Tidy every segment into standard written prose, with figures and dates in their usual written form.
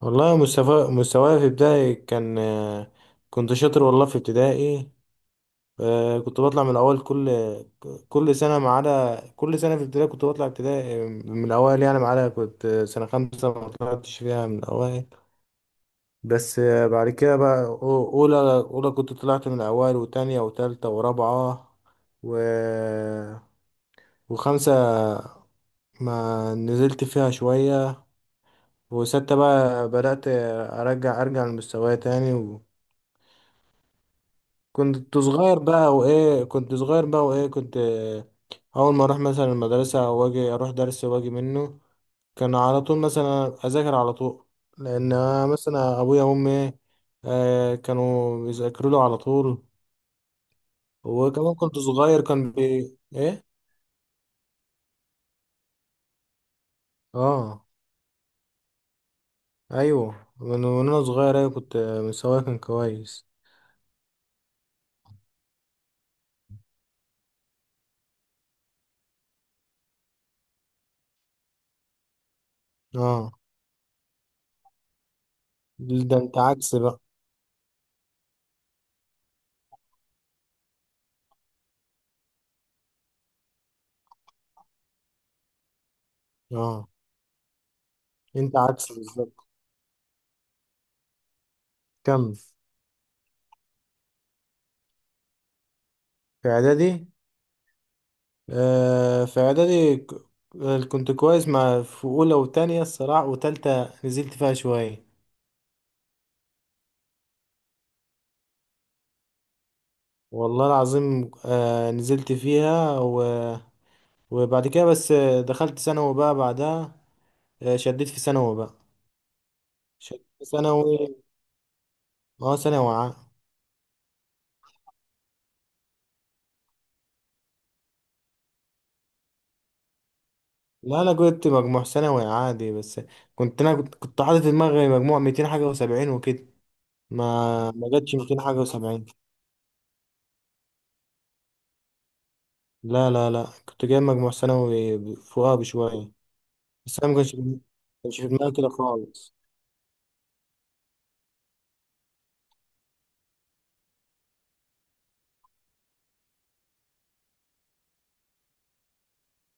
والله مستواي في ابتدائي كان. كنت شاطر والله في ابتدائي. كنت بطلع من الاول كل سنه، ما عدا كل سنه في ابتدائي كنت بطلع ابتدائي من الاوائل، يعني ما عدا كنت سنه خمسه ما طلعتش فيها من الاوائل. بس بعد كده بقى، اولى كنت طلعت من الاوائل، وتانية وتالتة ورابعه، و وخمسه ما نزلت فيها شويه، وستة بقى بدأت أرجع لمستواي تاني. كنت صغير بقى وايه كنت. اول ما اروح مثلا المدرسه واجي اروح درس واجي منه، كان على طول مثلا اذاكر على طول، لان أنا مثلا ابويا وامي كانوا بيذاكروا له على طول. وكمان كنت صغير كان بي ايه. اه. ايوه، من وانا صغير، ايوه، كنت مستواي كان كويس. اه. ده انت عكس بقى. اه. انت عكس بالظبط. كمل. في اعدادي. آه، في اعدادي ك- كنت كويس، مع في اولى وتانية الصراحه، وتالتة نزلت فيها شويه. والله العظيم، نزلت فيها وبعد كده بس دخلت ثانوي بقى بعدها. آه، شديت في ثانوي بقى شديت في ثانوي. اه، ثانوي عام. لا، انا جبت مجموع ثانوي عادي. بس كنت انا كنت حاطط في دماغي مجموع 200 حاجه وسبعين وكده، ما جاتش 200 حاجه وسبعين. لا، لا، لا، كنت جايب مجموع ثانوي فوقها بشويه. بس انا ما كانش في دماغي كده خالص.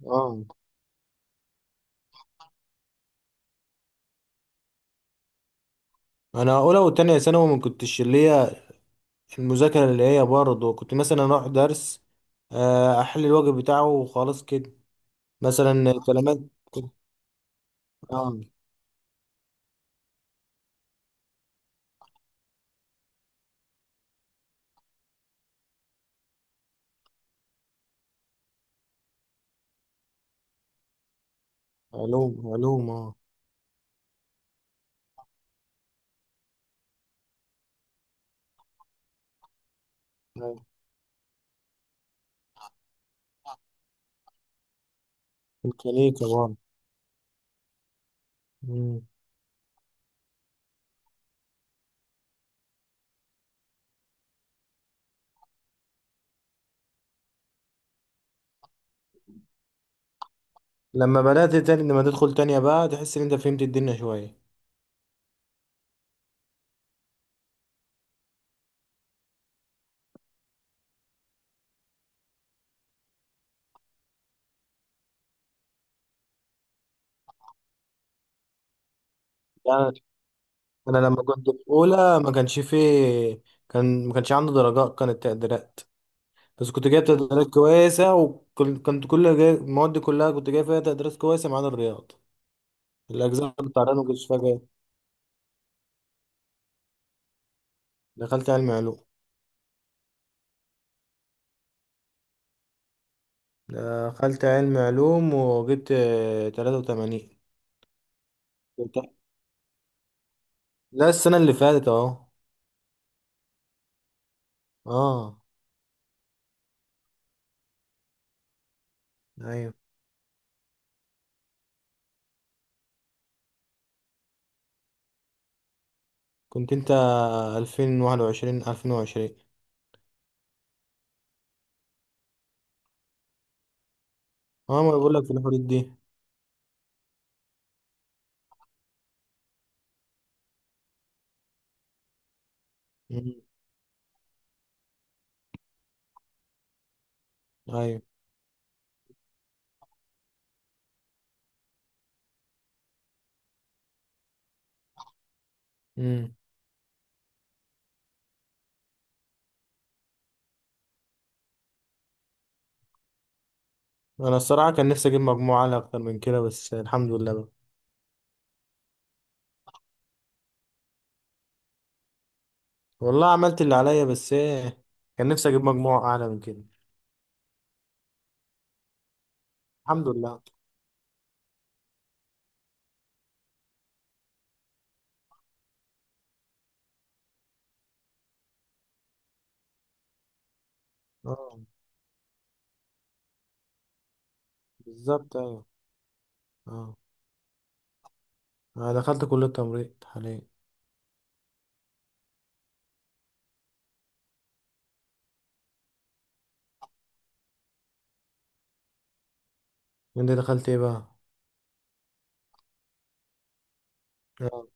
اه. انا اولى وتانية ثانوي ما كنتش اللي هي المذاكره، اللي هي برضه كنت مثلا اروح درس، احل الواجب بتاعه وخلاص كده، مثلا كلمات. اه، علوم علوم. اه. آه، ميكانيكا برضه. مم. لما تدخل تانية بقى تحس ان انت فهمت الدنيا شوية. يعني انا لما كنت في اولى ما كانش فيه، كان ما كانش عندي درجات، كانت تقديرات. بس كنت جايب تقديرات كويسة، وكنت كل جاي المواد كلها كنت جايب فيها تقديرات كويسة، ما عدا الرياض. الأجزاء بتاعتها ما كنتش فيها جايب. دخلت علم علوم. دخلت علم علوم، وجبت 83. لا، السنة اللي فاتت أهو. اه. أيوة. كنت أنت 2021، 2020. اه، ما بقولك في الحدود دي. مم. أيوة. مم. أنا الصراحة كان نفسي أجيب مجموعة أعلى أكتر من كده، بس الحمد لله بقى. والله عملت اللي عليا، بس إيه، كان نفسي أجيب مجموعة أعلى من كده. الحمد لله. اه، بالظبط، ايوه. اه. انا دخلت كلية تمريض حاليا. انت دخلت ايه بقى؟ اه،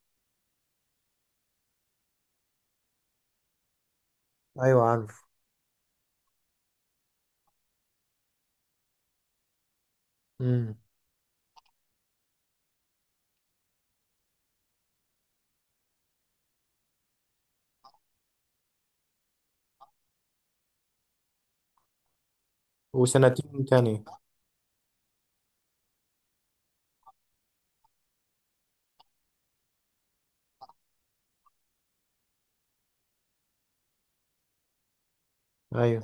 ايوه، عارف. امم. وسنتين تانية. ايوه،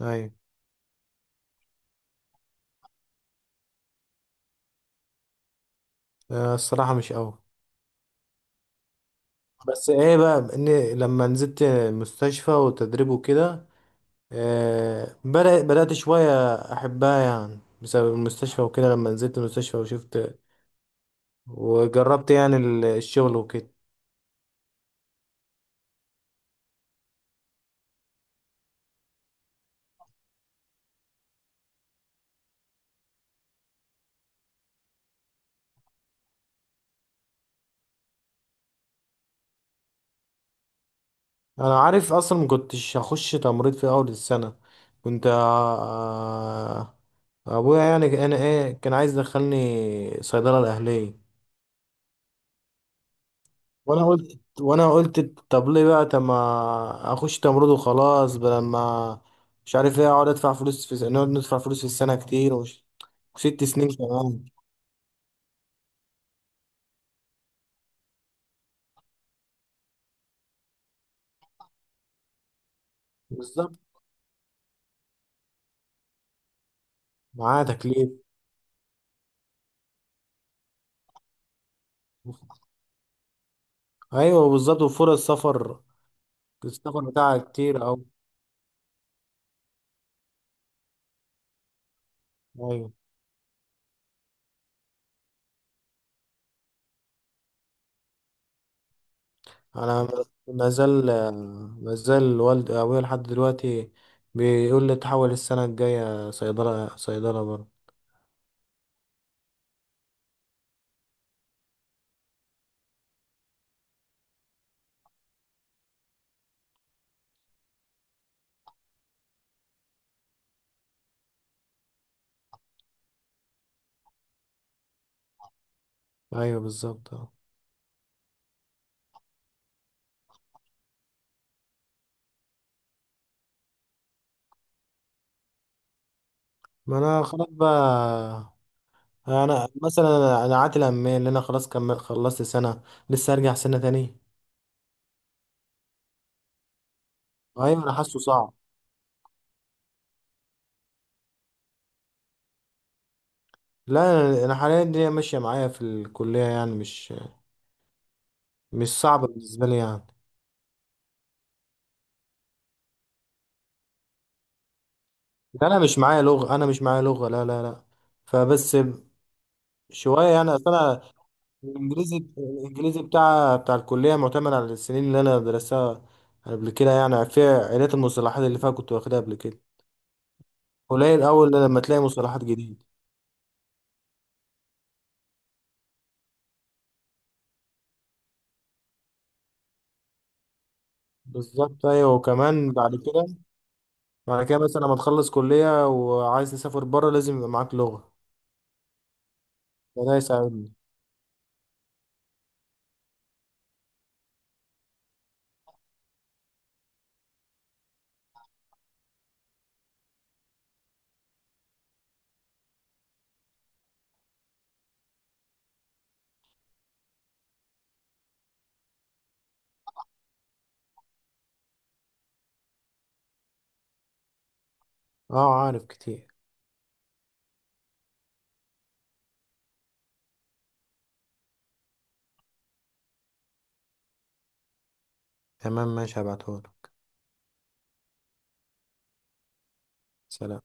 ايوه. الصراحة مش قوي. بس ايه بقى، ان لما نزلت مستشفى وتدريب وكده، بدأت شوية احبها، يعني بسبب المستشفى وكده لما نزلت المستشفى وشفت وجربت، يعني الشغل وكده. انا عارف، اصلا ما كنتش هخش تمريض في اول السنه. كنت ابويا يعني انا كان عايز يدخلني صيدله الاهليه. وانا قلت، طب ليه بقى، طب ما اخش تمريض وخلاص بدل ما، مش عارف ايه، اقعد ادفع فلوس في س- نقعد ندفع فلوس في السنه كتير وست سنين كمان. بالظبط. معاه تكليف. ايوه بالظبط، وفرص سفر. السفر بتاعها كتير اوي. ايوه. انا مازال مازال والدي ابويا لحد دلوقتي بيقول لي تحول السنه الجايه صيدله، صيدله برضه. ايوه بالظبط. اه. ما انا خلاص بقى. انا مثلا عاتل امال اللي انا خلاص كمل خلصت سنه، لسه ارجع سنه تانية. ايوه، انا حاسه صعب. لا. انا حاليا الدنيا ماشيه معايا في الكليه، يعني مش مش صعبه بالنسبه لي يعني. لا، انا مش معايا لغه، لا، لا، لا. فبس شويه، يعني اصل انا، الانجليزي، بتاع الكليه معتمد على السنين اللي انا درستها قبل كده، يعني فيها عائلات المصطلحات اللي فيها كنت واخدها قبل كده، قليل اول لما تلاقي مصطلحات جديده. بالظبط ايوه. وكمان بعد كده، مثلا لما تخلص كليه وعايز تسافر بره، لازم يبقى معاك لغه، فده يساعدني. اه، عارف كتير. تمام ماشي، هبعتهولك. سلام.